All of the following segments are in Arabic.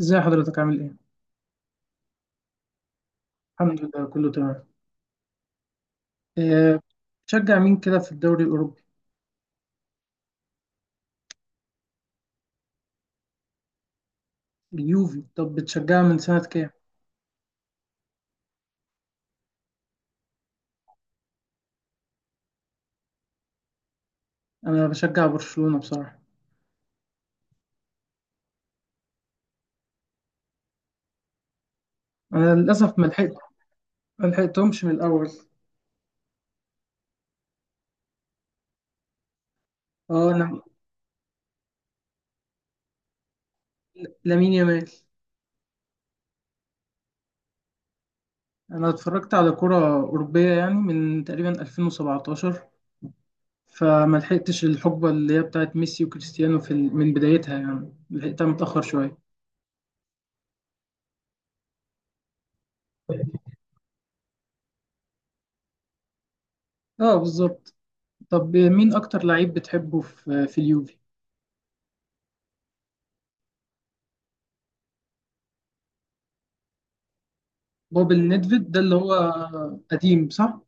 ازاي حضرتك عامل ايه؟ الحمد لله كله تمام. أه. بتشجع مين كده في الدوري الأوروبي؟ اليوفي. طب بتشجعها من سنة كام؟ أنا بشجع برشلونة بصراحة. أنا للأسف ما لحقتهمش من الأول. اه، لامين يامال. أنا اتفرجت على كرة أوروبية يعني من تقريبا 2017، فما لحقتش الحقبة اللي هي بتاعت ميسي وكريستيانو من بدايتها، يعني لحقتها متأخر شوية. اه بالظبط. طب مين أكتر لعيب بتحبه في اليوفي؟ بوبل نيدفيد ده اللي هو قديم، صح؟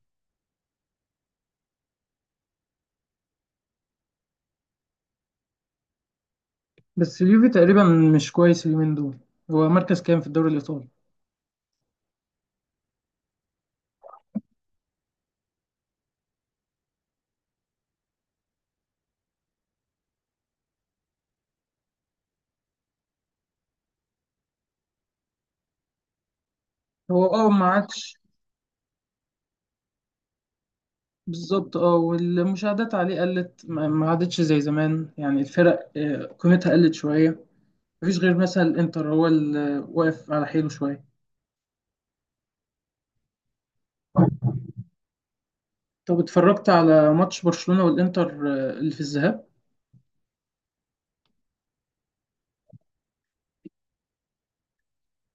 بس اليوفي تقريبا مش كويس اليومين دول. هو مركز كام في الدوري الإيطالي؟ هو ما عادش. بالظبط. اه والمشاهدات عليه قلت، ما عادتش زي زمان، يعني الفرق، قيمتها قلت شوية. مفيش غير مثلا الإنتر هو اللي واقف على حيله شوية. طب اتفرجت على ماتش برشلونة والإنتر اللي في الذهاب؟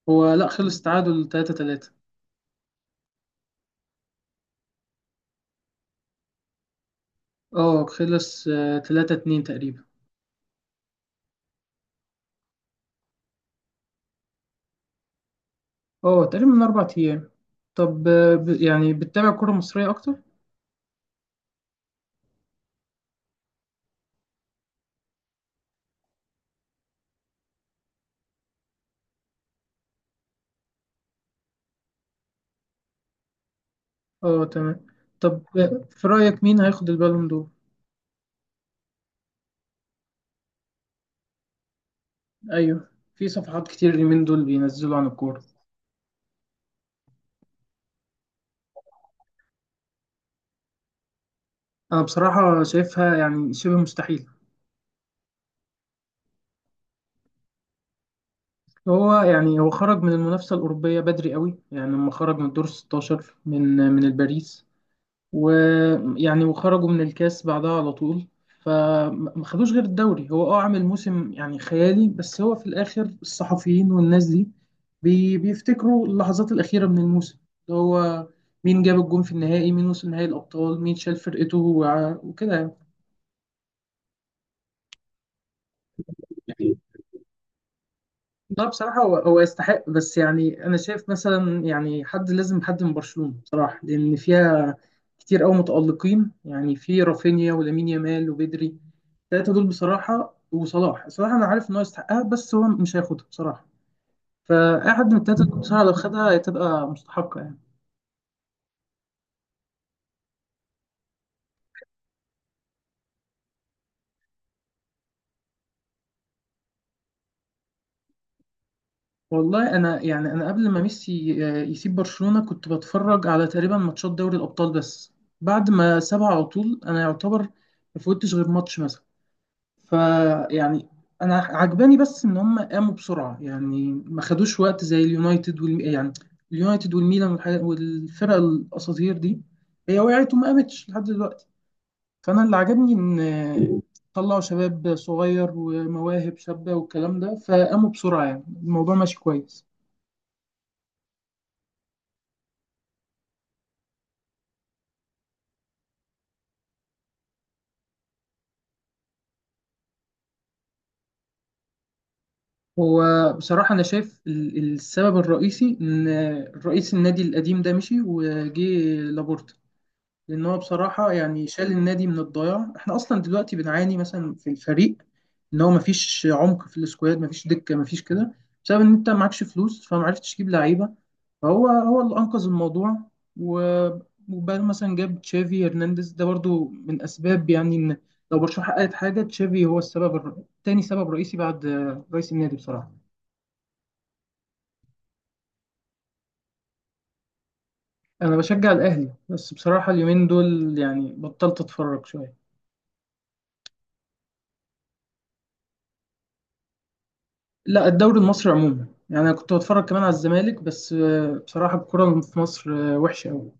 هو لا، خلص تعادل 3-3. اه، خلص 3-2 تقريبا. اه تقريبا من 4 أيام. طب، يعني بتتابع كرة مصرية أكتر؟ اه تمام. طب في رأيك مين هياخد البالون دور؟ أيوه. في صفحات كتير اليومين دول بينزلوا عن الكورة. أنا بصراحة شايفها يعني شبه مستحيل. هو خرج من المنافسة الأوروبية بدري قوي، يعني لما خرج من الدور 16 من الباريس. ويعني وخرجوا من الكاس بعدها على طول، فما خدوش غير الدوري. هو عامل موسم يعني خيالي، بس هو في الاخر الصحفيين والناس دي بيفتكروا اللحظات الاخيره من الموسم، اللي هو مين جاب الجون في النهائي، مين وصل نهائي الابطال، مين شال فرقته، وكده. يعني. لا، بصراحة هو هو يستحق، بس يعني أنا شايف مثلا يعني حد لازم، حد من برشلونة بصراحة، لأن فيها كتير أوي متألقين، يعني في رافينيا ولامين يامال وبدري. التلاتة دول بصراحة، وصلاح أنا عارف إن هو يستحقها، بس هو مش هياخدها بصراحة. فأي حد من التلاتة دول بصراحة لو خدها هتبقى مستحقة يعني. والله أنا يعني، قبل ما ميسي يسيب برشلونة كنت بتفرج على تقريبا ماتشات دوري الأبطال بس. بعد ما سابها على طول، أنا يعتبر ما فوتش غير ماتش مثلا، فيعني انا عجباني بس ان هم قاموا بسرعه، يعني ما خدوش وقت زي اليونايتد وال يعني اليونايتد والميلان والفرق الاساطير دي. هي وقعت وما قامتش لحد دلوقتي، فانا اللي عجبني ان طلعوا شباب صغير ومواهب شابه والكلام ده، فقاموا بسرعه، يعني الموضوع ماشي كويس. هو بصراحه انا شايف السبب الرئيسي ان رئيس النادي القديم ده مشي وجه لابورتا، لان هو بصراحه يعني شال النادي من الضياع. احنا اصلا دلوقتي بنعاني مثلا في الفريق، ان هو مفيش عمق في السكواد، مفيش دكه، مفيش كده، بسبب ان انت معكش فلوس، فما عرفتش تجيب لعيبه، فهو هو اللي انقذ الموضوع. و- وبعد مثلا جاب تشافي هرنانديز، ده برضو من اسباب يعني ان لو برشلونه حققت حاجه، تشافي هو السبب، تاني سبب رئيسي بعد رئيس النادي بصراحه. انا بشجع الاهلي، بس بصراحه اليومين دول يعني بطلت اتفرج شويه. لا، الدوري المصري عموما، يعني انا كنت بتفرج كمان على الزمالك، بس بصراحه الكره في مصر وحشه قوي.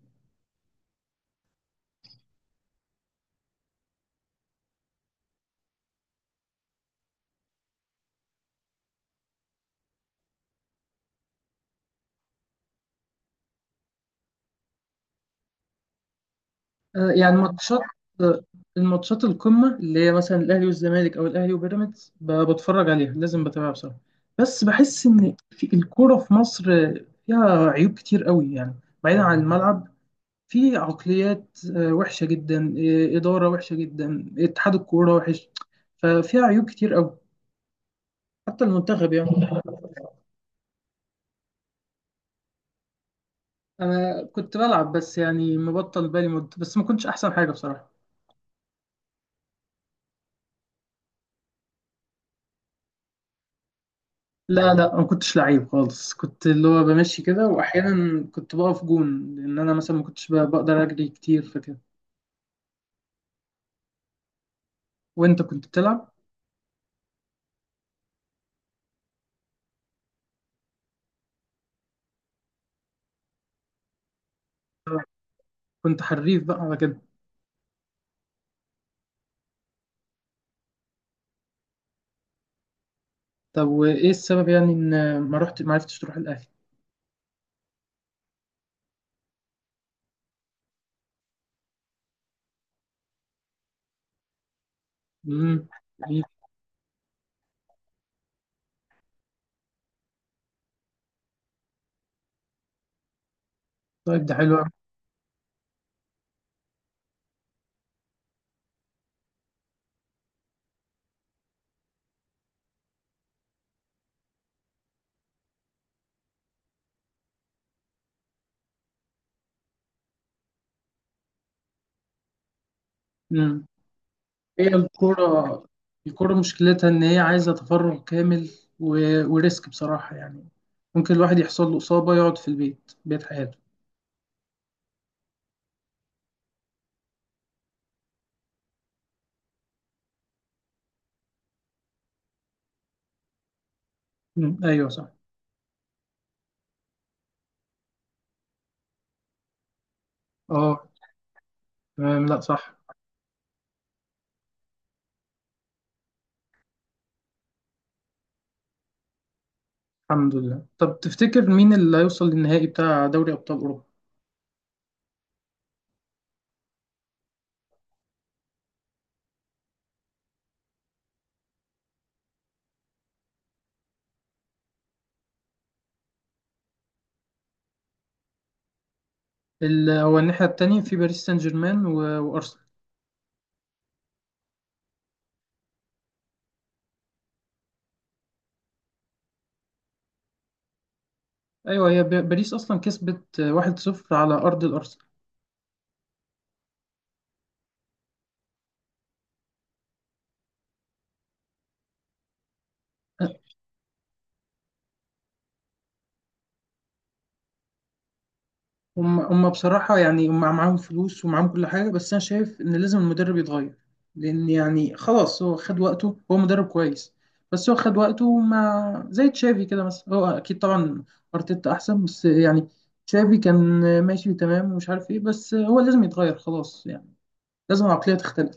يعني ماتشات آه، الماتشات القمه اللي هي مثلا الاهلي والزمالك او الاهلي وبيراميدز، بتفرج عليها، لازم بتابعها بصراحه. بس بحس ان في الكره في مصر فيها عيوب كتير قوي يعني. بعيدا عن الملعب، في عقليات وحشه جدا، اداره وحشه جدا، اتحاد الكوره وحش. ففيها عيوب كتير قوي، حتى المنتخب يعني. انا كنت بلعب، بس يعني مبطل بالي مدة، بس ما كنتش احسن حاجة بصراحة. لا لا، ما كنتش لعيب خالص. كنت اللي هو بمشي كده، واحيانا كنت بقف جون، لان انا مثلا ما كنتش بقدر اجري كتير فكده. وانت كنت بتلعب، كنت حريف بقى على كده؟ طب وايه السبب، يعني ان ما عرفتش تروح الاهلي؟ امم. طيب ده حلو أوي. امم. هي الكورة، مشكلتها ان هي عايزة تفرغ كامل، و... وريسك بصراحة يعني. ممكن الواحد يحصل له إصابة يقعد في البيت، بيت حياته. مم. ايوه صح. اه تمام، لا صح. الحمد لله. طب تفتكر مين اللي هيوصل للنهائي بتاع دوري ابطال اوروبا؟ هو الناحيه التانية في باريس سان جيرمان وارسنال. ايوه، هي باريس اصلا كسبت 1-0 على ارض الارسنال. هم بصراحة يعني، هم معاهم فلوس ومعاهم كل حاجة، بس أنا شايف إن لازم المدرب يتغير، لأن يعني خلاص هو خد وقته. هو مدرب كويس، بس هو خد وقته، مع زي تشافي كده مثلا. هو أكيد طبعا أرتيتا أحسن، بس يعني تشافي كان ماشي تمام ومش عارف إيه، بس هو لازم يتغير خلاص يعني، لازم العقلية تختلف.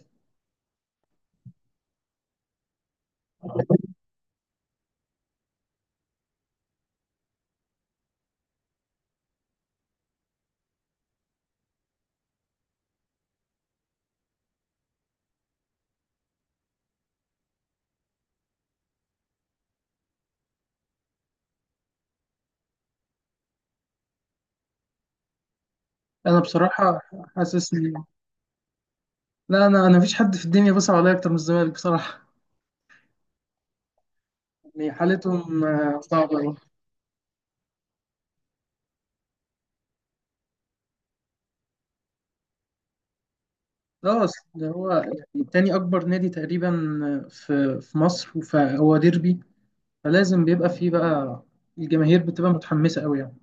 أنا بصراحة حاسس إن، لا، أنا مفيش حد في الدنيا بيصعب عليا أكتر من الزمالك بصراحة. يعني حالتهم صعبة. اه، أصل ده هو يعني تاني اكبر نادي تقريبا في مصر، فهو ديربي، فلازم بيبقى فيه بقى الجماهير بتبقى متحمسة قوي يعني.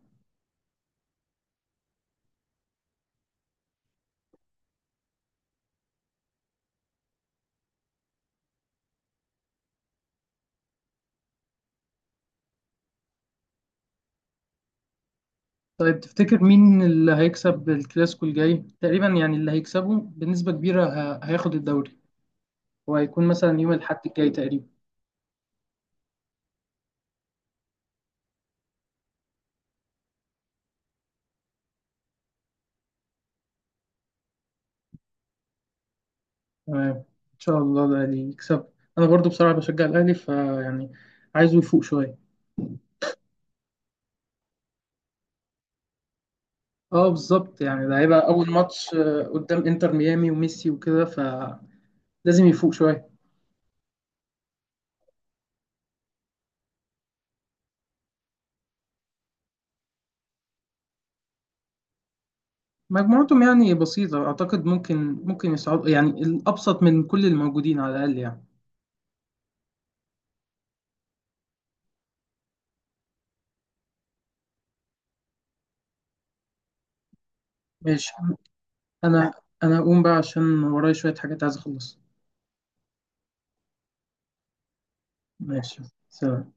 طيب تفتكر مين اللي هيكسب الكلاسيكو الجاي تقريبا، يعني اللي هيكسبه بنسبة كبيرة هياخد الدوري؟ وهيكون مثلا يوم الاحد الجاي تقريبا. تمام، ان شاء الله ده اللي يكسب. انا برضو بصراحة بشجع الاهلي، فيعني عايزه يفوق شوية. اه بالظبط، يعني ده هيبقى اول ماتش قدام انتر ميامي وميسي وكده، فلازم يفوق شوية. مجموعتهم يعني بسيطة، أعتقد ممكن يصعد يعني، الأبسط من كل الموجودين على الأقل يعني. ماشي. أنا أنا أقوم بقى عشان ورايا شوية حاجات عايز أخلصها. ماشي. سلام.